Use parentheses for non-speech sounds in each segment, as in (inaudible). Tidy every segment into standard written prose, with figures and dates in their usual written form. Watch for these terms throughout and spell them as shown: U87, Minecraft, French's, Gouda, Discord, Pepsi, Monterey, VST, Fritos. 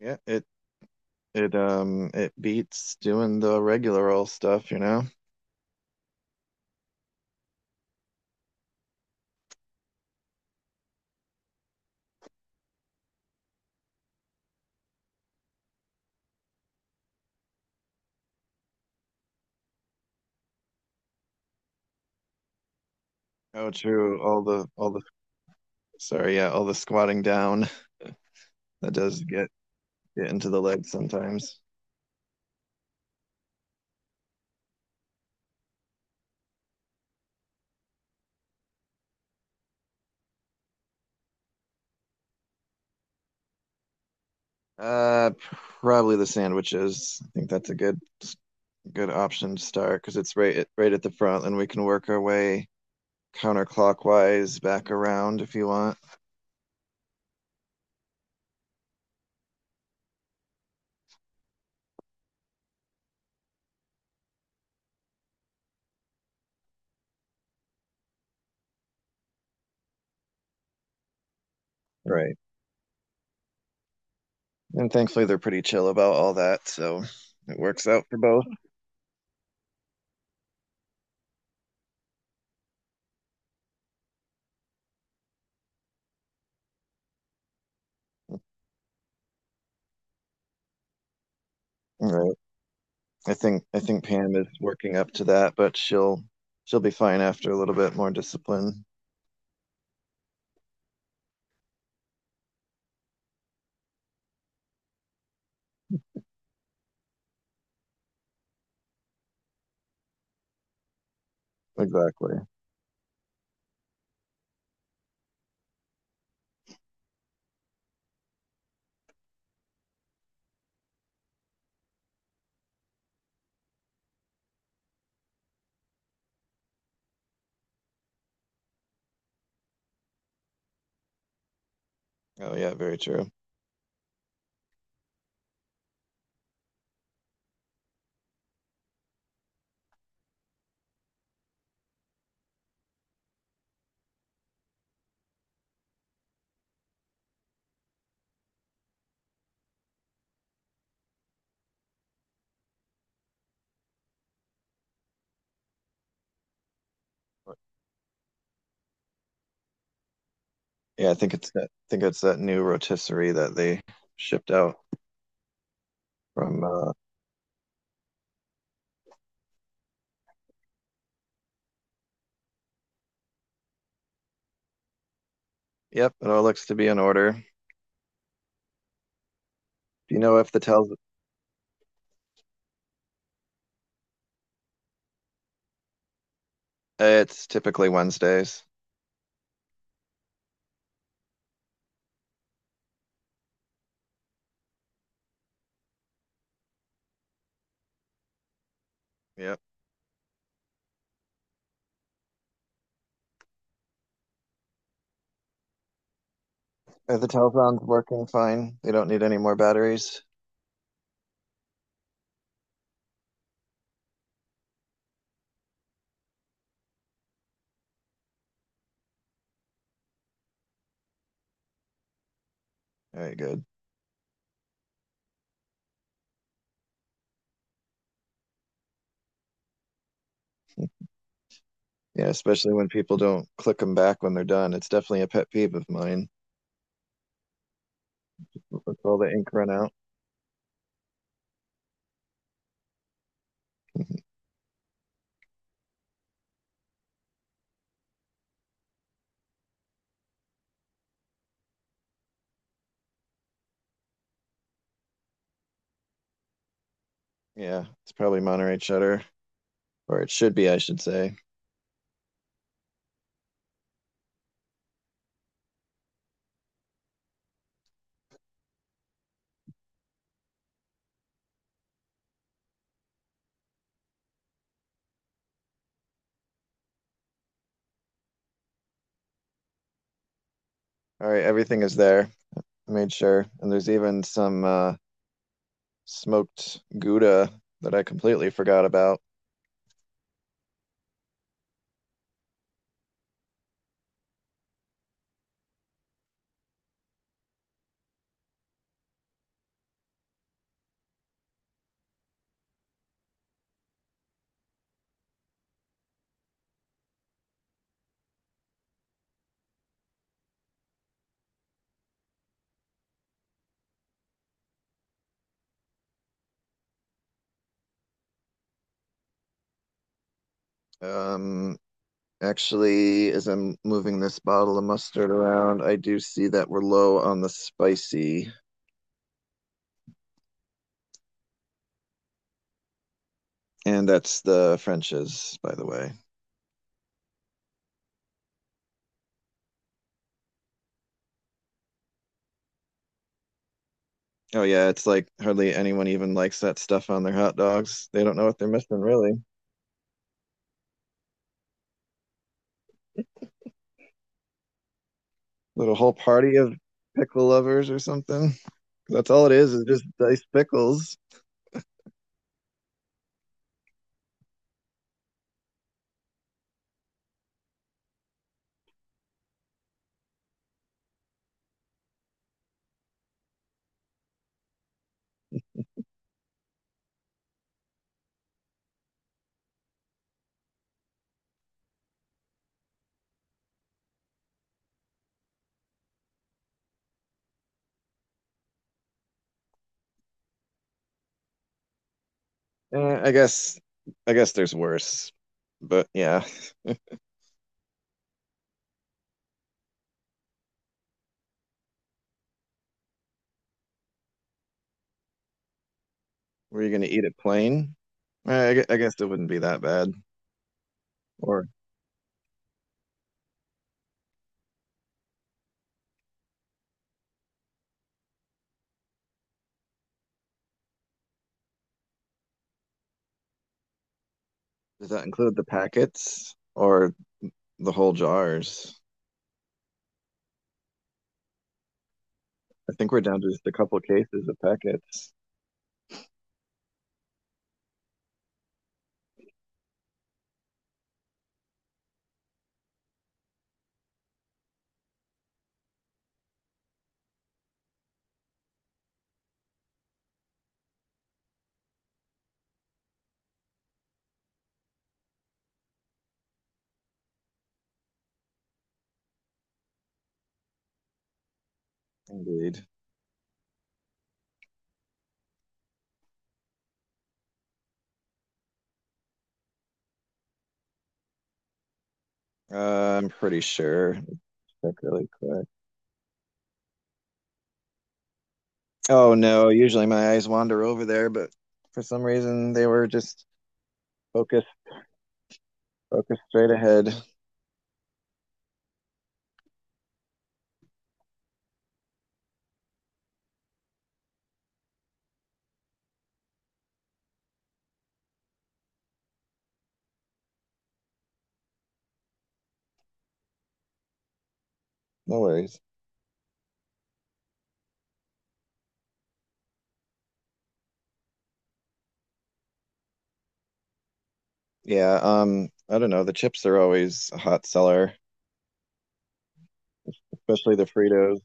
Yeah, it beats doing the regular old stuff, you know? Oh, true. All the squatting down (laughs) that does get into the legs sometimes. Uh, Probably the sandwiches. I think that's a good option to start because it's right at the front, and we can work our way counterclockwise back around if you want. Right. And thankfully, they're pretty chill about all that, so it works out for both. Right. I think Pam is working up to that, but she'll be fine after a little bit more discipline. Exactly. Oh yeah, very true. Yeah, I think it's that new rotisserie that they shipped out from. Yep, it all looks to be in order. Do you know if the tel's it's typically Wednesdays. Yep. Are the telzon's working fine? They don't need any more batteries. All right, good. Yeah, especially when people don't click them back when they're done. It's definitely a pet peeve of mine. With all the ink run out. Yeah, it's probably Monterey cheddar, or it should be, I should say. All right, everything is there. I made sure. And there's even some smoked Gouda that I completely forgot about. Um, Actually, as I'm moving this bottle of mustard around, I do see that we're low on the spicy. And that's the French's, by the way. Oh, yeah, it's like hardly anyone even likes that stuff on their hot dogs. They don't know what they're missing, really. Little whole party of pickle lovers or something. That's all it is just diced pickles. Eh, I guess there's worse. But yeah, were you gonna eat it plain? Eh, I guess it wouldn't be that bad. Or does that include the packets or the whole jars? I think we're down to just a couple cases of packets. Indeed. Uh, I'm pretty sure. Let's check really quick. Oh no, usually my eyes wander over there, but for some reason they were just focused, focused straight ahead. No worries. Yeah, I don't know. The chips are always a hot seller, especially the Fritos.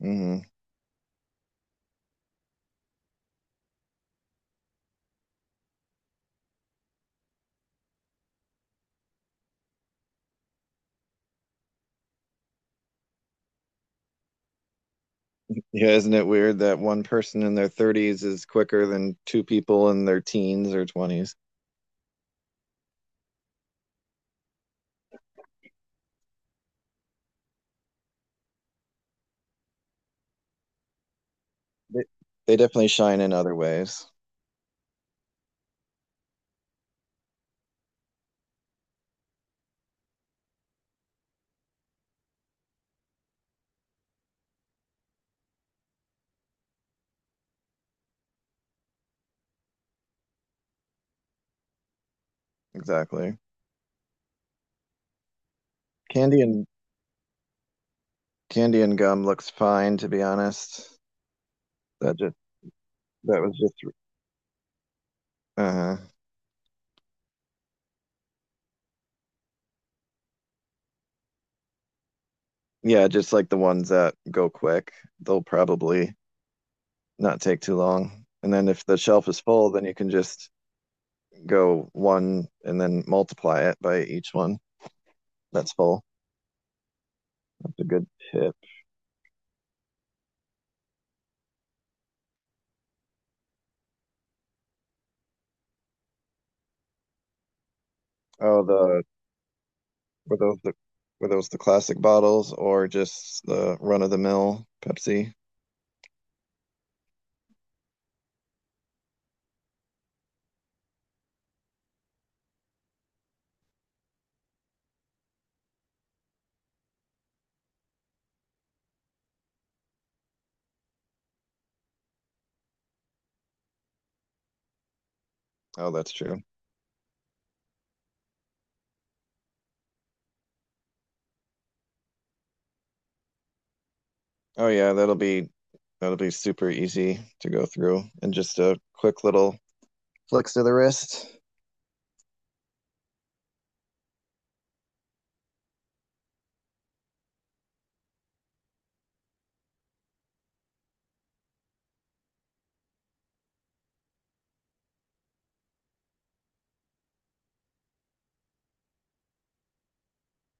hmm Yeah, isn't it weird that one person in their 30s is quicker than two people in their teens or 20s? They, they definitely shine in other ways. Exactly. Candy and candy and gum looks fine, to be honest. That just that was just uh-huh. Yeah, just like the ones that go quick. They'll probably not take too long. And then if the shelf is full, then you can just go one and then multiply it by each one. That's full. That's a good tip. Oh, the were those the Were those the classic bottles or just the run of the mill Pepsi? Oh, that's true. Oh yeah, that'll be super easy to go through and just a quick little flicks to the wrist.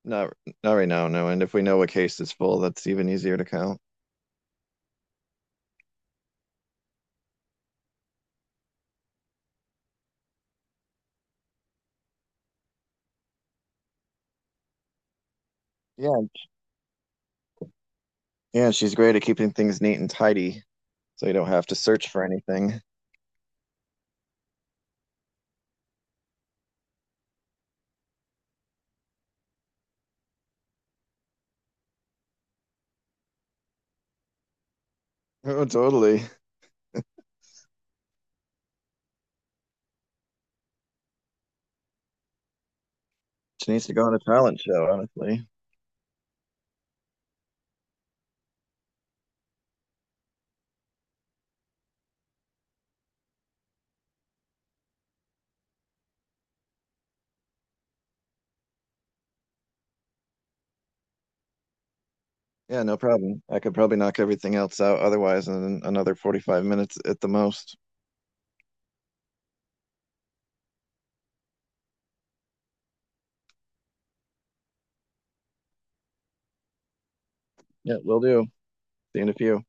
Not Not right now, no. And if we know a case is full, that's even easier to count. Yeah, yeah, she's great at keeping things neat and tidy, so you don't have to search for anything. (laughs) Oh, totally. She needs to go on a talent show, honestly. Yeah, no problem. I could probably knock everything else out otherwise in another 45 minutes at the most. Yeah, will do. See you in a few.